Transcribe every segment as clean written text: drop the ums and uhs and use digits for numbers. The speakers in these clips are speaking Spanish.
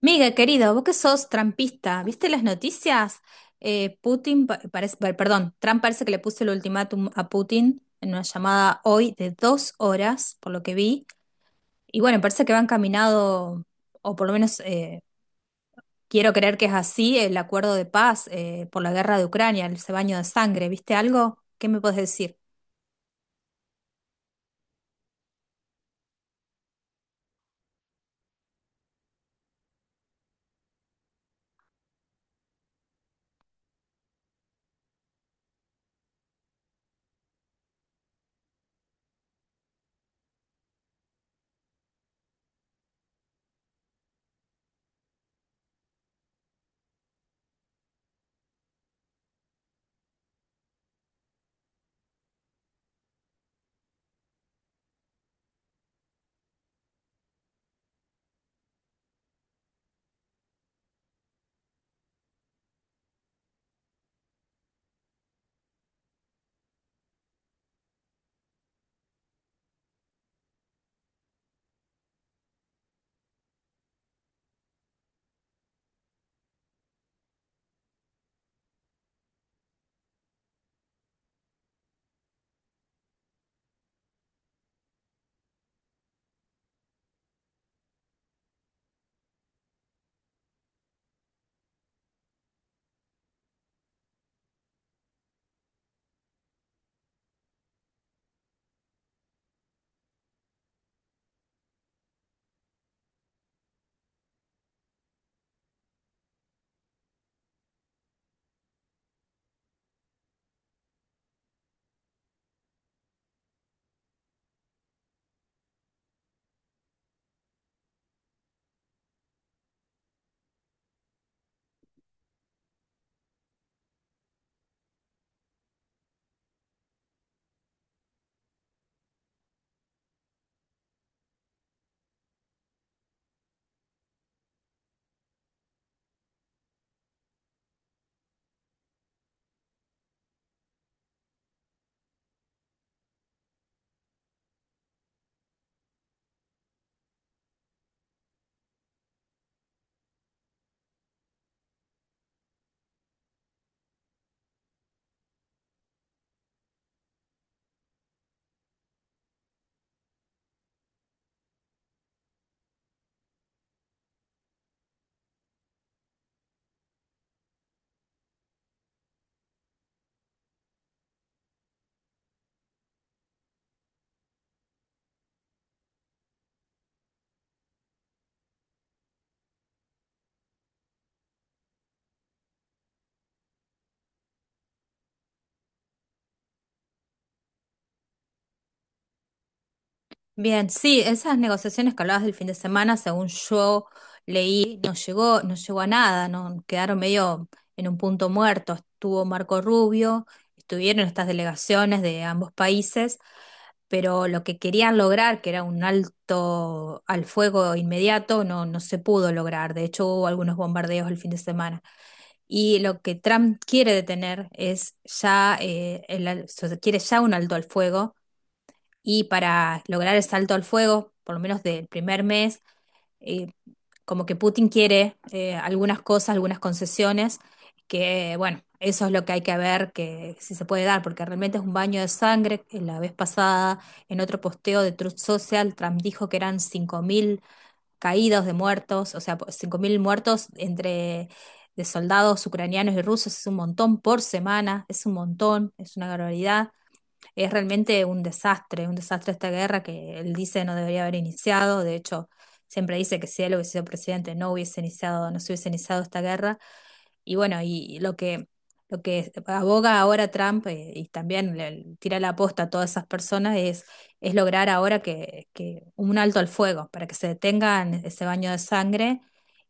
Miguel, querido, vos que sos trampista, ¿viste las noticias? Putin, parece, perdón, Trump parece que le puso el ultimátum a Putin en una llamada hoy de 2 horas, por lo que vi. Y bueno, parece que va encaminado, o por lo menos quiero creer que es así, el acuerdo de paz por la guerra de Ucrania, el baño de sangre. ¿Viste algo? ¿Qué me puedes decir? Bien, sí, esas negociaciones que hablabas del fin de semana, según yo leí, no llegó a nada, no quedaron medio en un punto muerto. Estuvo Marco Rubio, estuvieron estas delegaciones de ambos países, pero lo que querían lograr, que era un alto al fuego inmediato, no, no se pudo lograr. De hecho, hubo algunos bombardeos el fin de semana. Y lo que Trump quiere detener es ya, o sea, quiere ya un alto al fuego y para lograr el salto al fuego, por lo menos del primer mes, eh, como que Putin quiere algunas cosas, algunas concesiones, que bueno, eso es lo que hay que ver, que si se puede dar, porque realmente es un baño de sangre. La vez pasada, en otro posteo de Truth Social, Trump dijo que eran 5.000 caídos de muertos, o sea, 5.000 muertos entre... de soldados ucranianos y rusos es un montón por semana, es un montón, es una barbaridad. Es realmente un desastre esta guerra que él dice no debería haber iniciado. De hecho, siempre dice que si él hubiese sido presidente no hubiese iniciado, no se hubiese iniciado esta guerra. Y bueno, y lo que, aboga ahora Trump y también le tira la aposta a todas esas personas es, lograr ahora que un alto al fuego, para que se detengan ese baño de sangre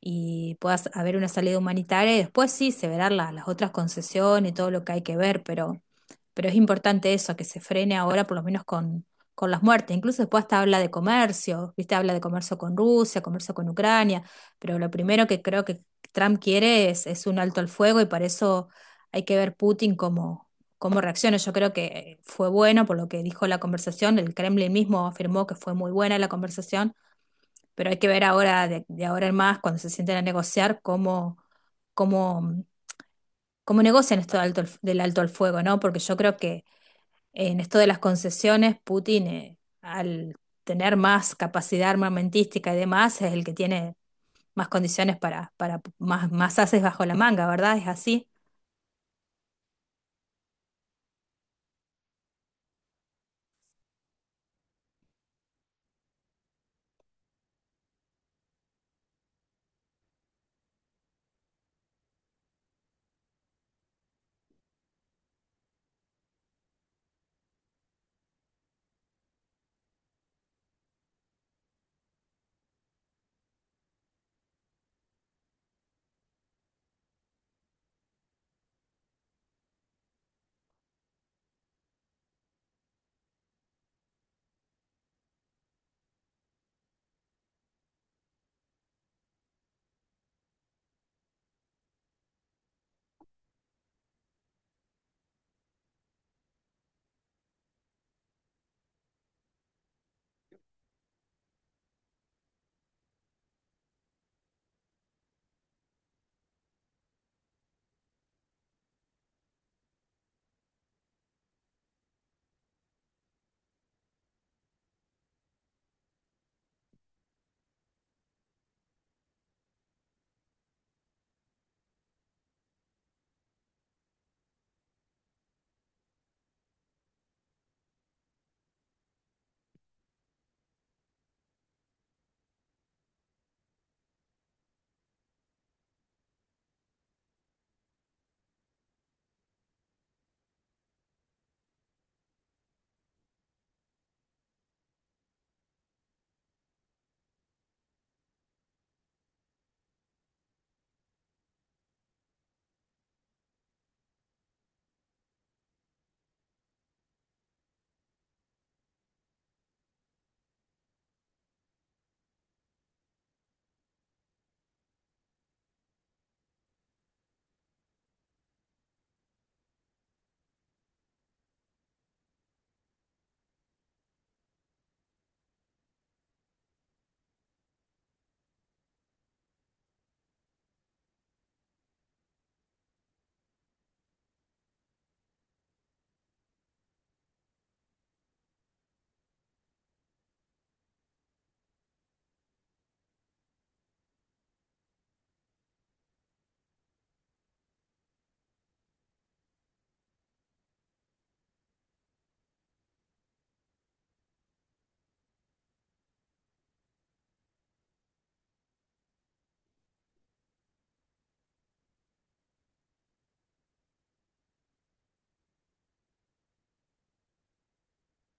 y pueda haber una salida humanitaria y después sí se verán las otras concesiones y todo lo que hay que ver, pero, es importante eso, que se frene ahora por lo menos con las muertes. Incluso después hasta habla de comercio, ¿viste? Habla de comercio con Rusia, comercio con Ucrania, pero lo primero que creo que Trump quiere es, un alto al fuego y para eso hay que ver Putin cómo reacciona. Yo creo que fue bueno por lo que dijo la conversación. El Kremlin mismo afirmó que fue muy buena la conversación, pero hay que ver ahora, de, ahora en más, cuando se sienten a negociar, cómo, cómo negocian esto de del alto al fuego, ¿no? Porque yo creo que en esto de las concesiones, Putin, al tener más capacidad armamentística y demás, es el que tiene más condiciones para más haces bajo la manga, ¿verdad? Es así.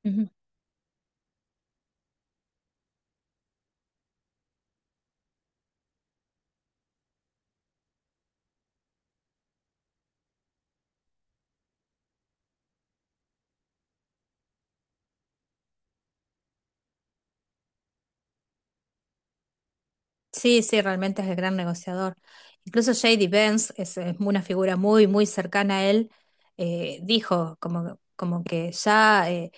Ujú. Sí, sí, realmente es el gran negociador. Incluso J.D. Vance es, una figura muy, muy cercana a él. Dijo como que ya,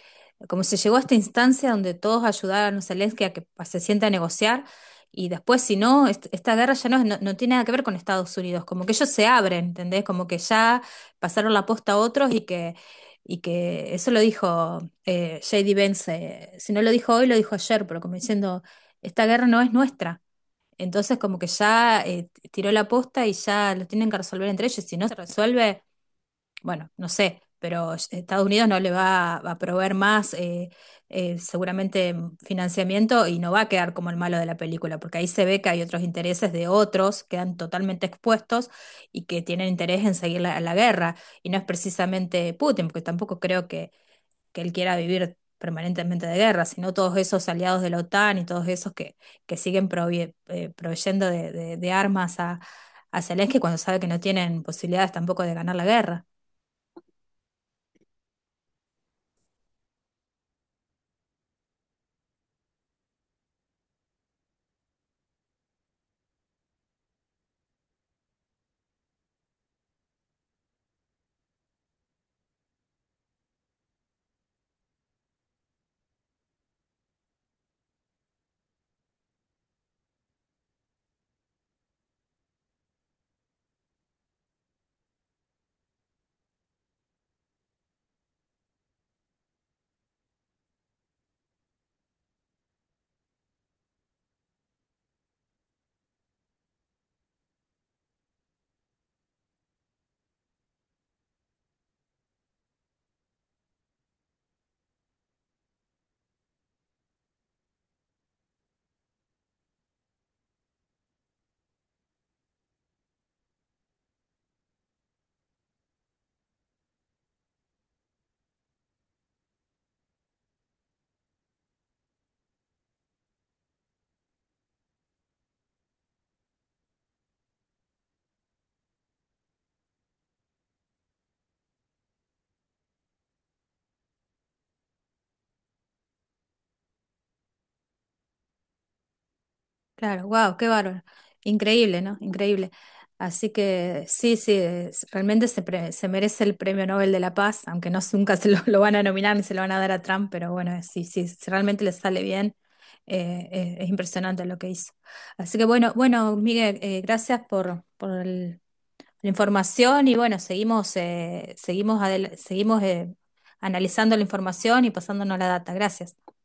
como se llegó a esta instancia donde todos ayudaron a Zelensky a que se sienta a negociar y después, si no, esta guerra ya no, no, no tiene nada que ver con Estados Unidos. Como que ellos se abren, ¿entendés? Como que ya pasaron la posta a otros y que, eso lo dijo J.D. Vance. Si no lo dijo hoy, lo dijo ayer, pero como diciendo, esta guerra no es nuestra. Entonces, como que ya tiró la posta y ya lo tienen que resolver entre ellos. Si no se resuelve, bueno, no sé, pero Estados Unidos no le va a proveer más, seguramente, financiamiento y no va a quedar como el malo de la película, porque ahí se ve que hay otros intereses de otros, quedan totalmente expuestos y que tienen interés en seguir la, guerra. Y no es precisamente Putin, porque tampoco creo que él quiera vivir permanentemente de guerra, sino todos esos aliados de la OTAN y todos esos que, siguen proveyendo de armas a Zelensky cuando sabe que no tienen posibilidades tampoco de ganar la guerra. Claro, wow, qué bárbaro. Increíble, ¿no? Increíble. Así que sí, sí, realmente se merece el Premio Nobel de la Paz, aunque no sé, nunca se lo van a nominar ni se lo van a dar a Trump, pero bueno, sí, sí, si realmente le sale bien, es impresionante lo que hizo. Así que bueno, bueno, Miguel, gracias por la información y bueno, seguimos, analizando la información y pasándonos la data. Gracias.